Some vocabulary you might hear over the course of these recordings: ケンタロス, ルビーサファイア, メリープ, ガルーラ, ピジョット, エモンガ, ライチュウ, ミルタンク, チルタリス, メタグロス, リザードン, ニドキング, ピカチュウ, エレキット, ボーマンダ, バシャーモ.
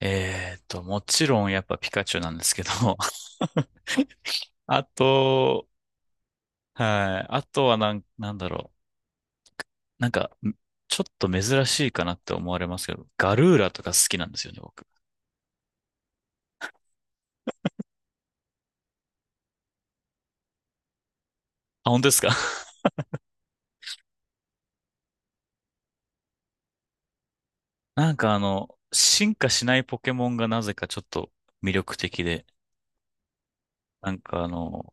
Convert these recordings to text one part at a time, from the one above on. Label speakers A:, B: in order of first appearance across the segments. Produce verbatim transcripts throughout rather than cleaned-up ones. A: えーっと、もちろんやっぱピカチュウなんですけど、あと、はい。あとはなん、なんだろう。なんか、んちょっと珍しいかなって思われますけど、ガルーラとか好きなんですよね、僕。あ、本当ですか？ なんかあの、進化しないポケモンがなぜかちょっと魅力的で、なんかあの、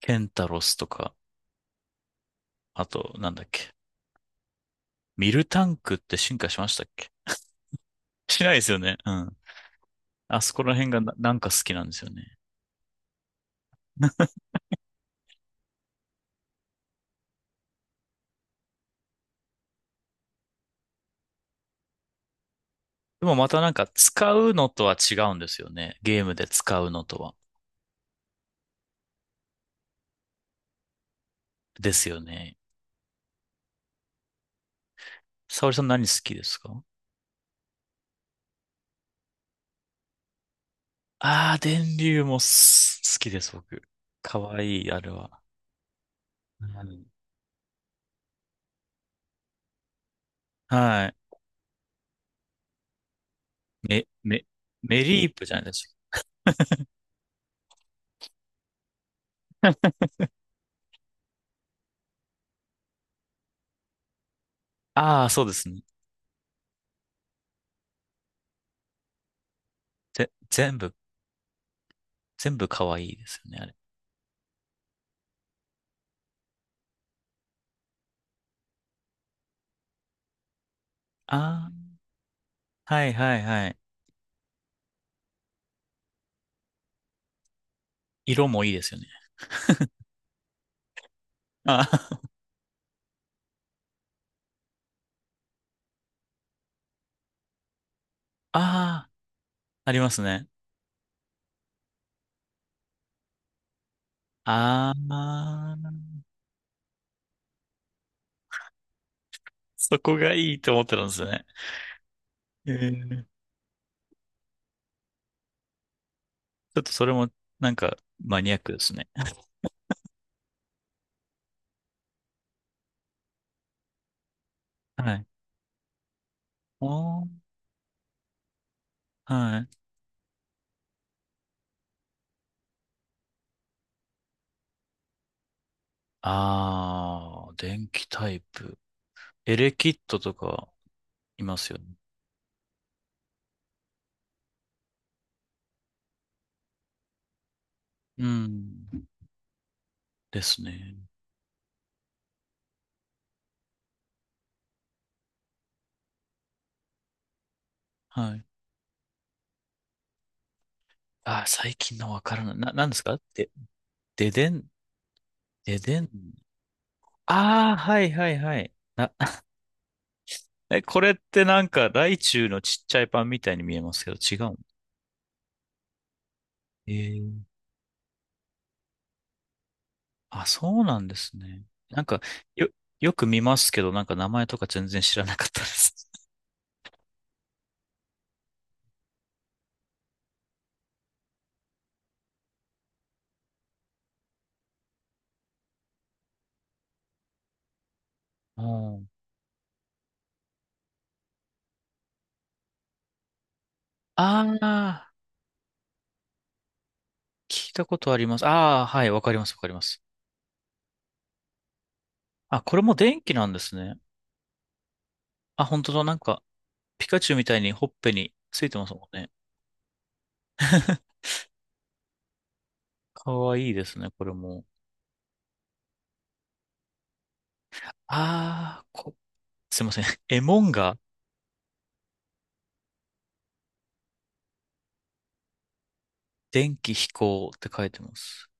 A: ケンタロスとか、あと、なんだっけ、ミルタンクって進化しましたっけ？しないですよね。うん。あそこら辺がな、なんか好きなんですよね。でもまたなんか使うのとは違うんですよね。ゲームで使うのとは。ですよね。沙織さん何好きですか？ああー、電流もす好きです、僕。かわいい、あれは。うん。はい。メ、メ、メリープじゃないですか？ああ、そうですね。ぜ、全部、全部かわいいですよね、あれ。ああ、はいはいはい。色もいいですよね。あー あー、ありますね。ああ、そこがいいと思ってたんですよね。ええ、ちょっとそれもなんかマニアックですね。はい。おー、はい。あー、電気タイプ。エレキットとかいますよね。うん。ですね。はい。あー、最近のわからない。な、なんですかで、ででん、ででん。あー、はいはいはい。な、え、これってなんかライチュウのちっちゃいパンみたいに見えますけど違うん？えー、あ、そうなんですね。なんか、よ、よく見ますけど、なんか名前とか全然知らなかったです。あああー、聞いたことあります。ああ、はい、わかります、わかります。あ、これも電気なんですね。あ、本当だ、なんか、ピカチュウみたいにほっぺについてますもんね。かわいいですね、これも。ああ、こ、すいません。エモンが電気飛行って書いてます。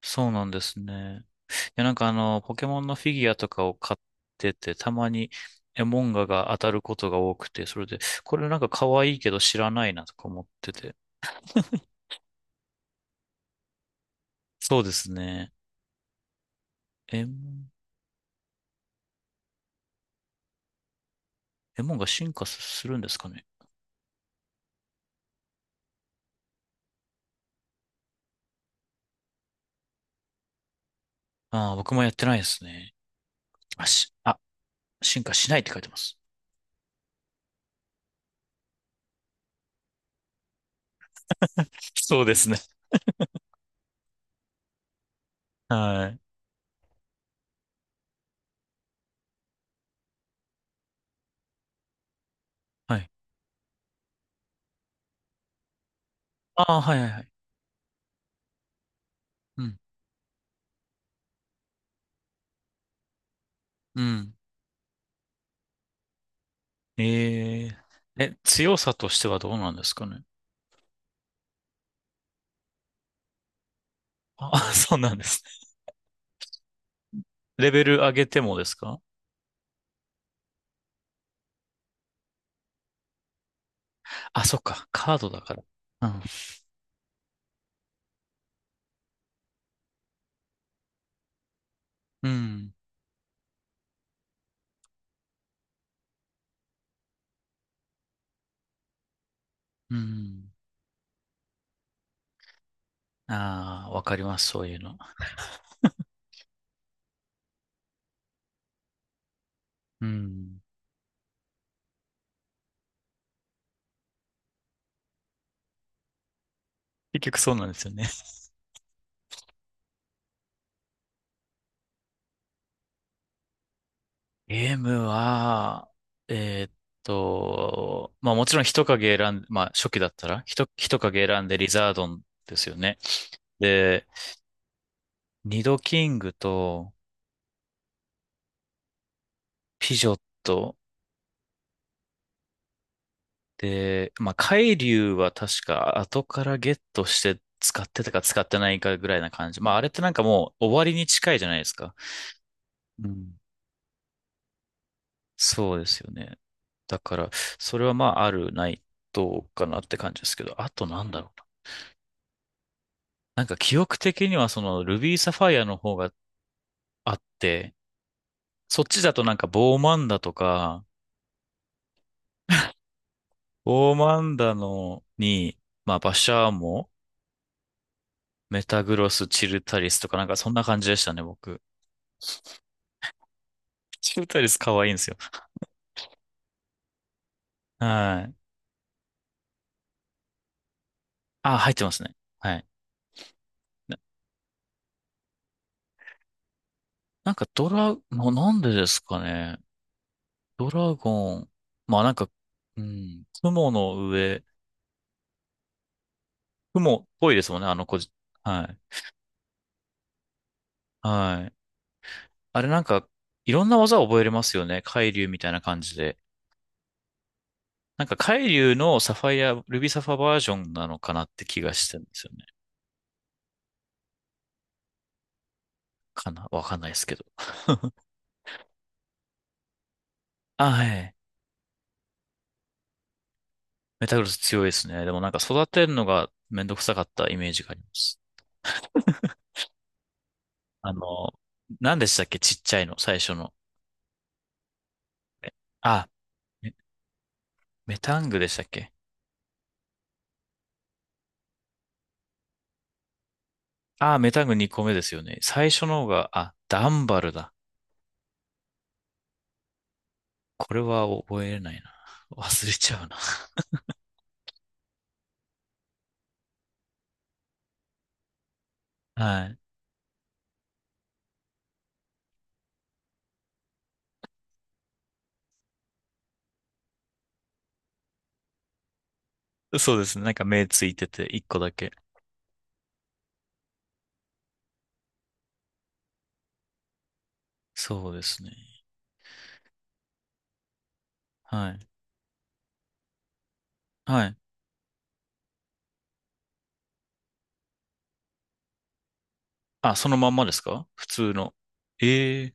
A: そうなんですね。いや、なんかあの、ポケモンのフィギュアとかを買ってて、たまにエモンガが当たることが多くて、それで、これなんか可愛いけど知らないなとか思ってて。そうですね。エモン、エモンが進化するんですかね？ああ、僕もやってないですね。あ、し、あ、進化しないって書いてます。そうですね。はい。はい。ああ、はいはいはい。うん。うん。ええ。え、強さとしてはどうなんですかね？あ、そうなんですね。レベル上げてもですか？あ、そっか。カードだから。うん。うん。うん。ああ、わかります。そういうの。うん。結局そうなんですよね。ゲームは、えーっと、まあもちろん人影選ん、まあ初期だったら、人、人影選んでリザードンですよね。で、ニドキングとピジョットで、まあ海竜は確か後からゲットして使ってたか使ってないかぐらいな感じ。まああれってなんかもう終わりに近いじゃないですか。うん。そうですよね。だから、それはまああるないどうかなって感じですけど、あとなんだろう。なんか記憶的にはそのルビーサファイアの方があって、そっちだとなんかボーマンダとか、ボーマンダのに、まあバシャーモ、メタグロス、チルタリスとかなんかそんな感じでしたね、僕。チルタリス可愛いんですよ。はい。あ、入ってますね。はい。な、なんかドラ、な、なんでですかね？ドラゴン。まあなんか、うん、雲の上、雲っぽいですもんね、あの子じ。はい。はい。あれなんか、いろんな技を覚えれますよね。海竜みたいな感じで。なんか海竜のサファイア、ルビーサファバージョンなのかなって気がしてるんですよね。かなわかんないですけど。あ、はい。メタグロス強いですね。でもなんか育てるのがめんどくさかったイメージがあります。あの、何でしたっけちっちゃいの、最初の？え、あ、メ、メタングでしたっけ？あ、メタングにこめですよね。最初の方が、あ、ダンバルだ。これは覚えれないな。忘れちゃうな。はい。そうですね。なんか目ついてて、いっこだけ。そうですね。はい。はい。あ、そのまんまですか普通の？ええ、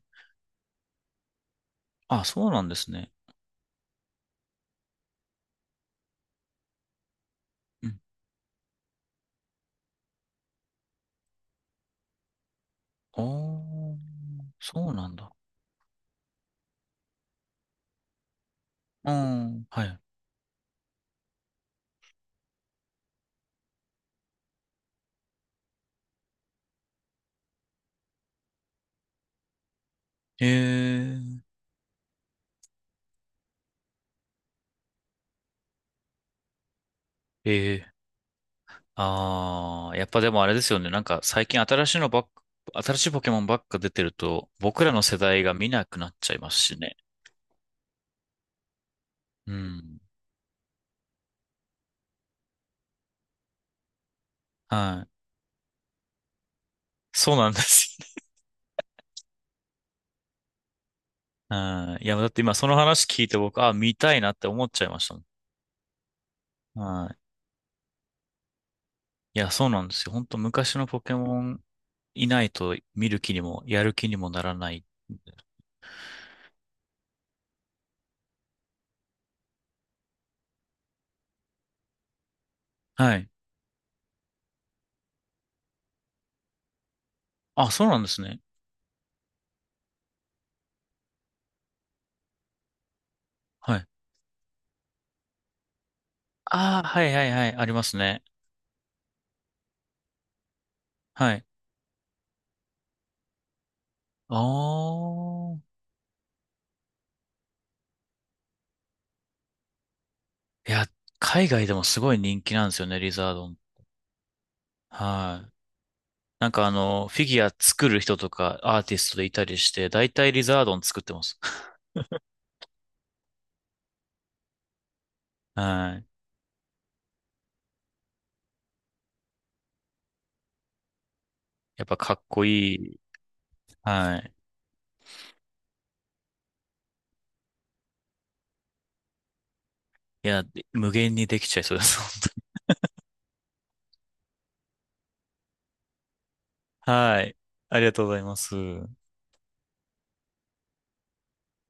A: あ、そうなんですね。うん。おー、そうなんだ。うん。はい。ええええ、ああやっぱでもあれですよね。なんか最近新しいのばっか、新しいポケモンばっか出てると、僕らの世代が見なくなっちゃいますしね。うん。はい。そうなんですよね。うん。いや、だって今その話聞いて僕、あ、見たいなって思っちゃいました。はい。いや、そうなんですよ。本当昔のポケモンいないと見る気にも、やる気にもならない。はい。あ、そうなんですね。はい。ああ、はいはいはい。ありますね。はい。ああ。いや、海外でもすごい人気なんですよね、リザードン。はい。なんかあの、フィギュア作る人とかアーティストでいたりして、だいたいリザードン作ってます。はい。やっぱかっこいい。はい。いや、無限にできちゃいそうです、本当に。はい。ありがとうございます。